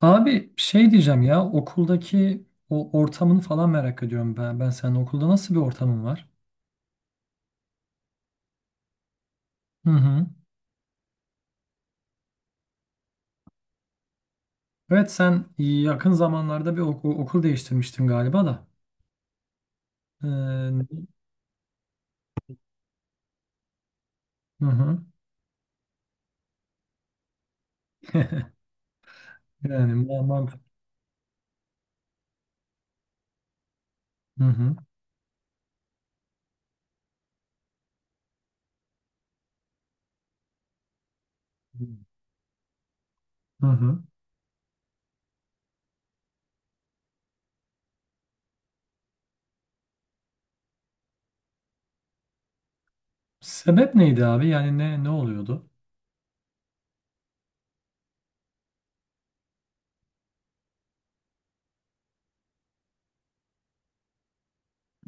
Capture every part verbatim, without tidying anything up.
Abi şey diyeceğim ya, okuldaki o ortamını falan merak ediyorum ben. Ben senin okulda nasıl bir ortamın var? Hı hı. Evet, sen yakın zamanlarda bir oku- okul değiştirmiştin galiba da. Ee, hı hı. Yani ma- mantık. Hı hı. Hı hı. Sebep neydi abi? Yani ne ne oluyordu?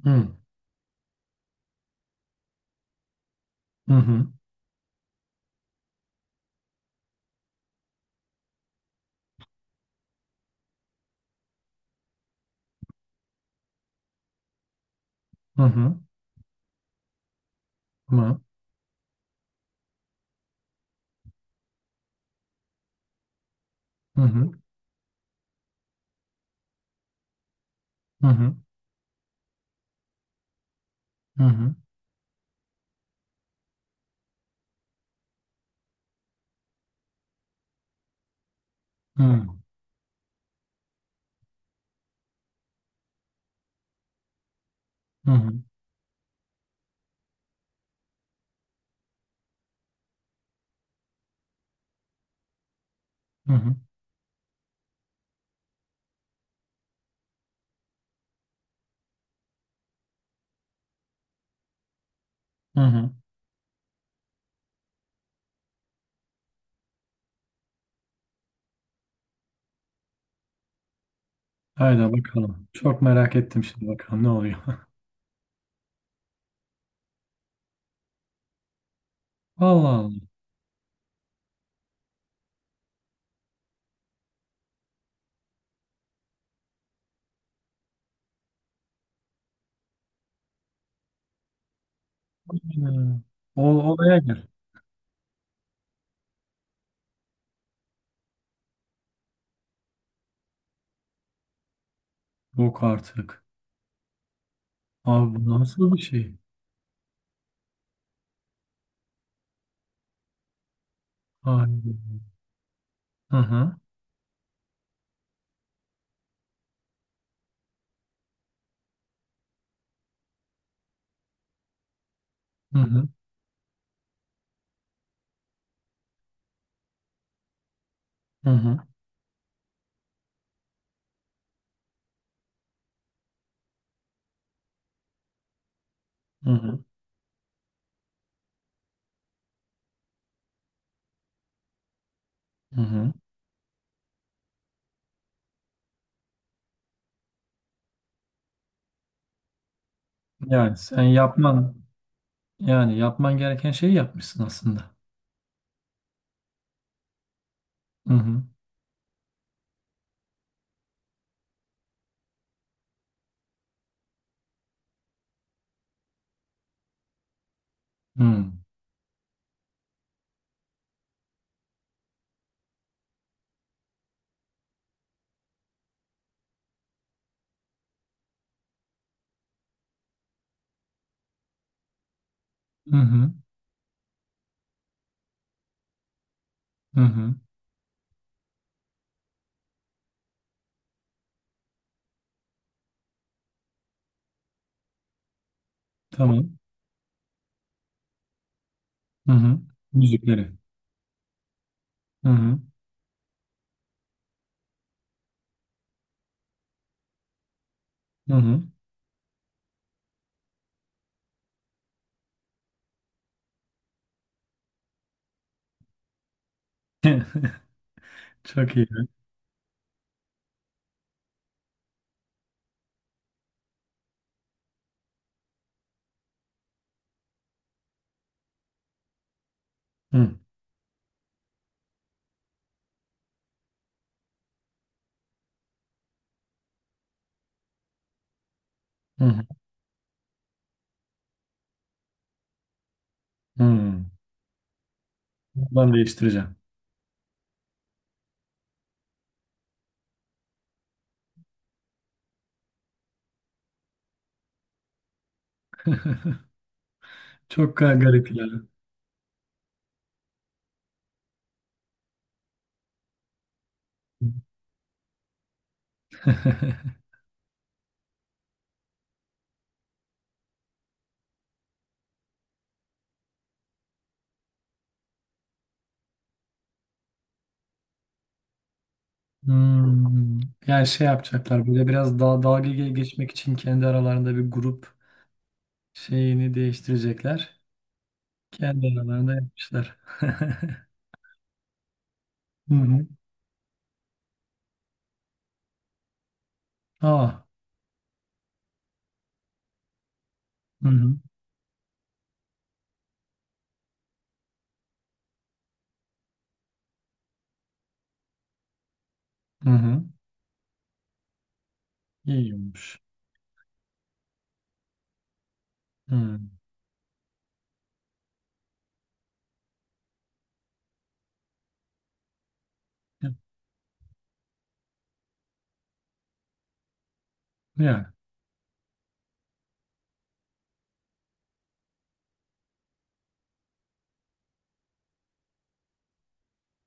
Hı hı hı hı hı hı hı hı hı hı hı hı hı hı hı hı. Haydi bakalım. Çok merak ettim şimdi, bakalım ne oluyor. Allah Allah. Hmm. Ol, olaya gel. Yok artık. Abi bu nasıl bir şey? Hayır. Hı hı. Hı hı. Hı hı. Hı hı. Hı hı. Yani sen yapman yani yapman gereken şeyi yapmışsın aslında. Hı hı. Hı hı. Hı hı. Hı. Tamam. Hı hı. Müzikleri. Hı hı. Hı hı. Çok iyi. Hı hı. Hı. Ben değiştireceğim. Çok garip yani. Hmm. Yani şey yapacaklar, böyle biraz daha dalga ge- geçmek için kendi aralarında bir grup şeyini değiştirecekler. Kendi aralarında yapmışlar. Hı hı. Aa. Hı hı. Hı hı. İyiymiş. Hı. Ya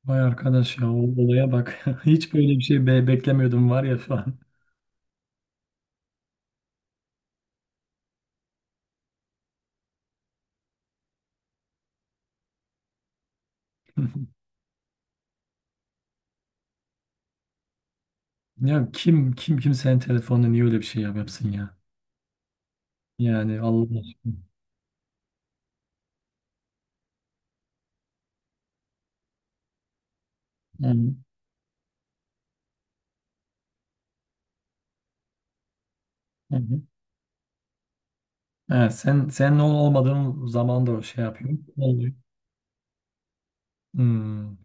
vay arkadaş ya, o olaya bak. Hiç böyle bir şey be beklemiyordum var ya falan. Ya kim kim kimsenin telefonunu niye öyle bir şey yap yapsın ya? Yani Allah aşkına. Hı hı. Hı hı. Evet, sen sen ne olmadığın zaman da o şey yapıyor. Hmm.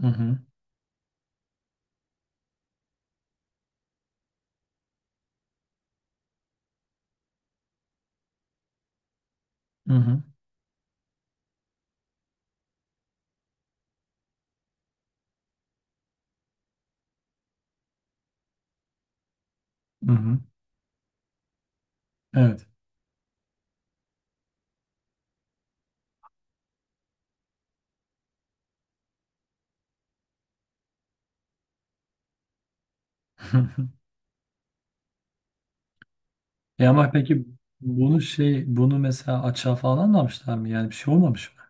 Hı hı. Hı hı. Hı hı. Evet. E ama peki, bunu şey bunu mesela açığa falan anlamışlar mı? Yani bir şey olmamış mı?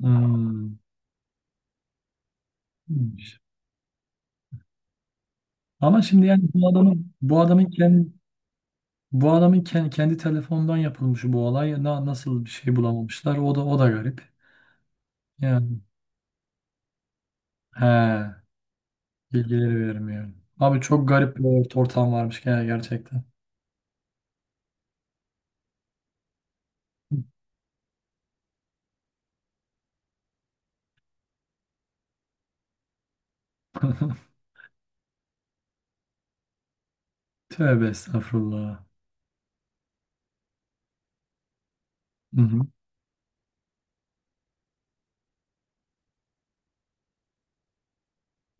Hmm. İyiymiş. Ama şimdi yani bu adamın bu adamın kendi bu adamın kendi, kendi telefondan yapılmış bu olay. Na- nasıl bir şey bulamamışlar? O da o da garip. Yani he, bilgileri vermiyor. Abi çok garip bir ort- ortam varmış yani, gerçekten. Tövbe estağfurullah. Hı hı.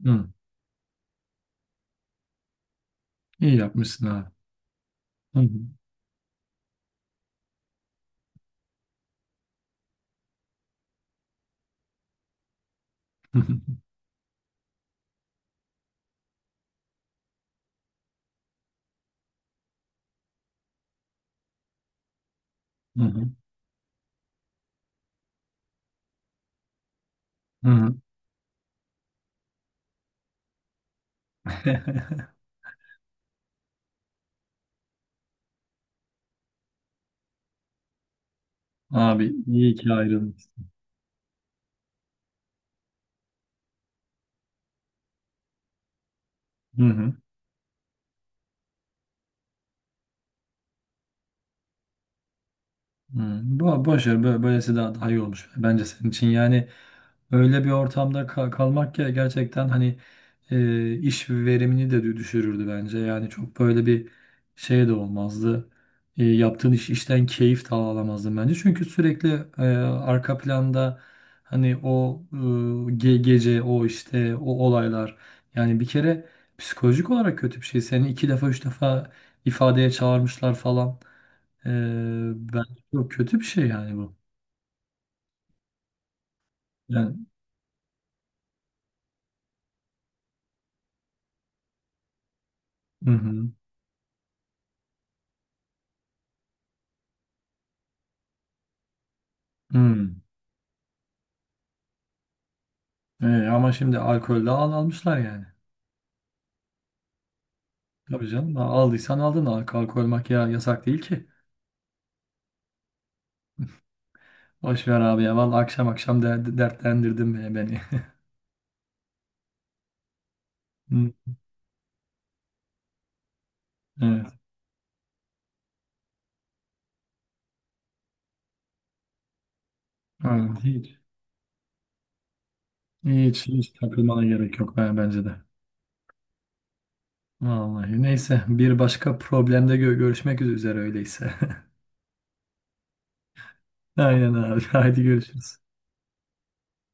Hı. İyi yapmışsın abi. Hı hı. Hı hı. Hı hı. Hı hı. Abi iyi ki ayrılmışsın. Hı hı. Hmm, bo boş ver, bö- böylesi daha, daha iyi olmuş bence senin için yani. Öyle bir ortamda ka- kalmak ya, gerçekten hani, e, iş verimini de dü- düşürürdü bence. Yani çok böyle bir şey de olmazdı. E, yaptığın iş, işten keyif de alamazdın bence, çünkü sürekli e, arka planda, hani o e, ge- gece o, işte o olaylar, yani bir kere psikolojik olarak kötü bir şey. Seni iki defa, üç defa ifadeye çağırmışlar falan. Ee, Yok, kötü bir şey yani bu. Yani hı hı. Hı. E ama şimdi alkolde al almışlar yani. Tabii canım, al- aldıysan aldın. Al- Alkol makya yasak değil ki. Boş ver abi ya. Vallahi akşam akşam de, dertlendirdin be beni. Hı. Evet. Aynen. Hiç. Hiç hiç takılmana gerek yok, ben bence de. Vallahi neyse, bir başka problemde gö- görüşmek üzere öyleyse. Aynen abi. Haydi görüşürüz.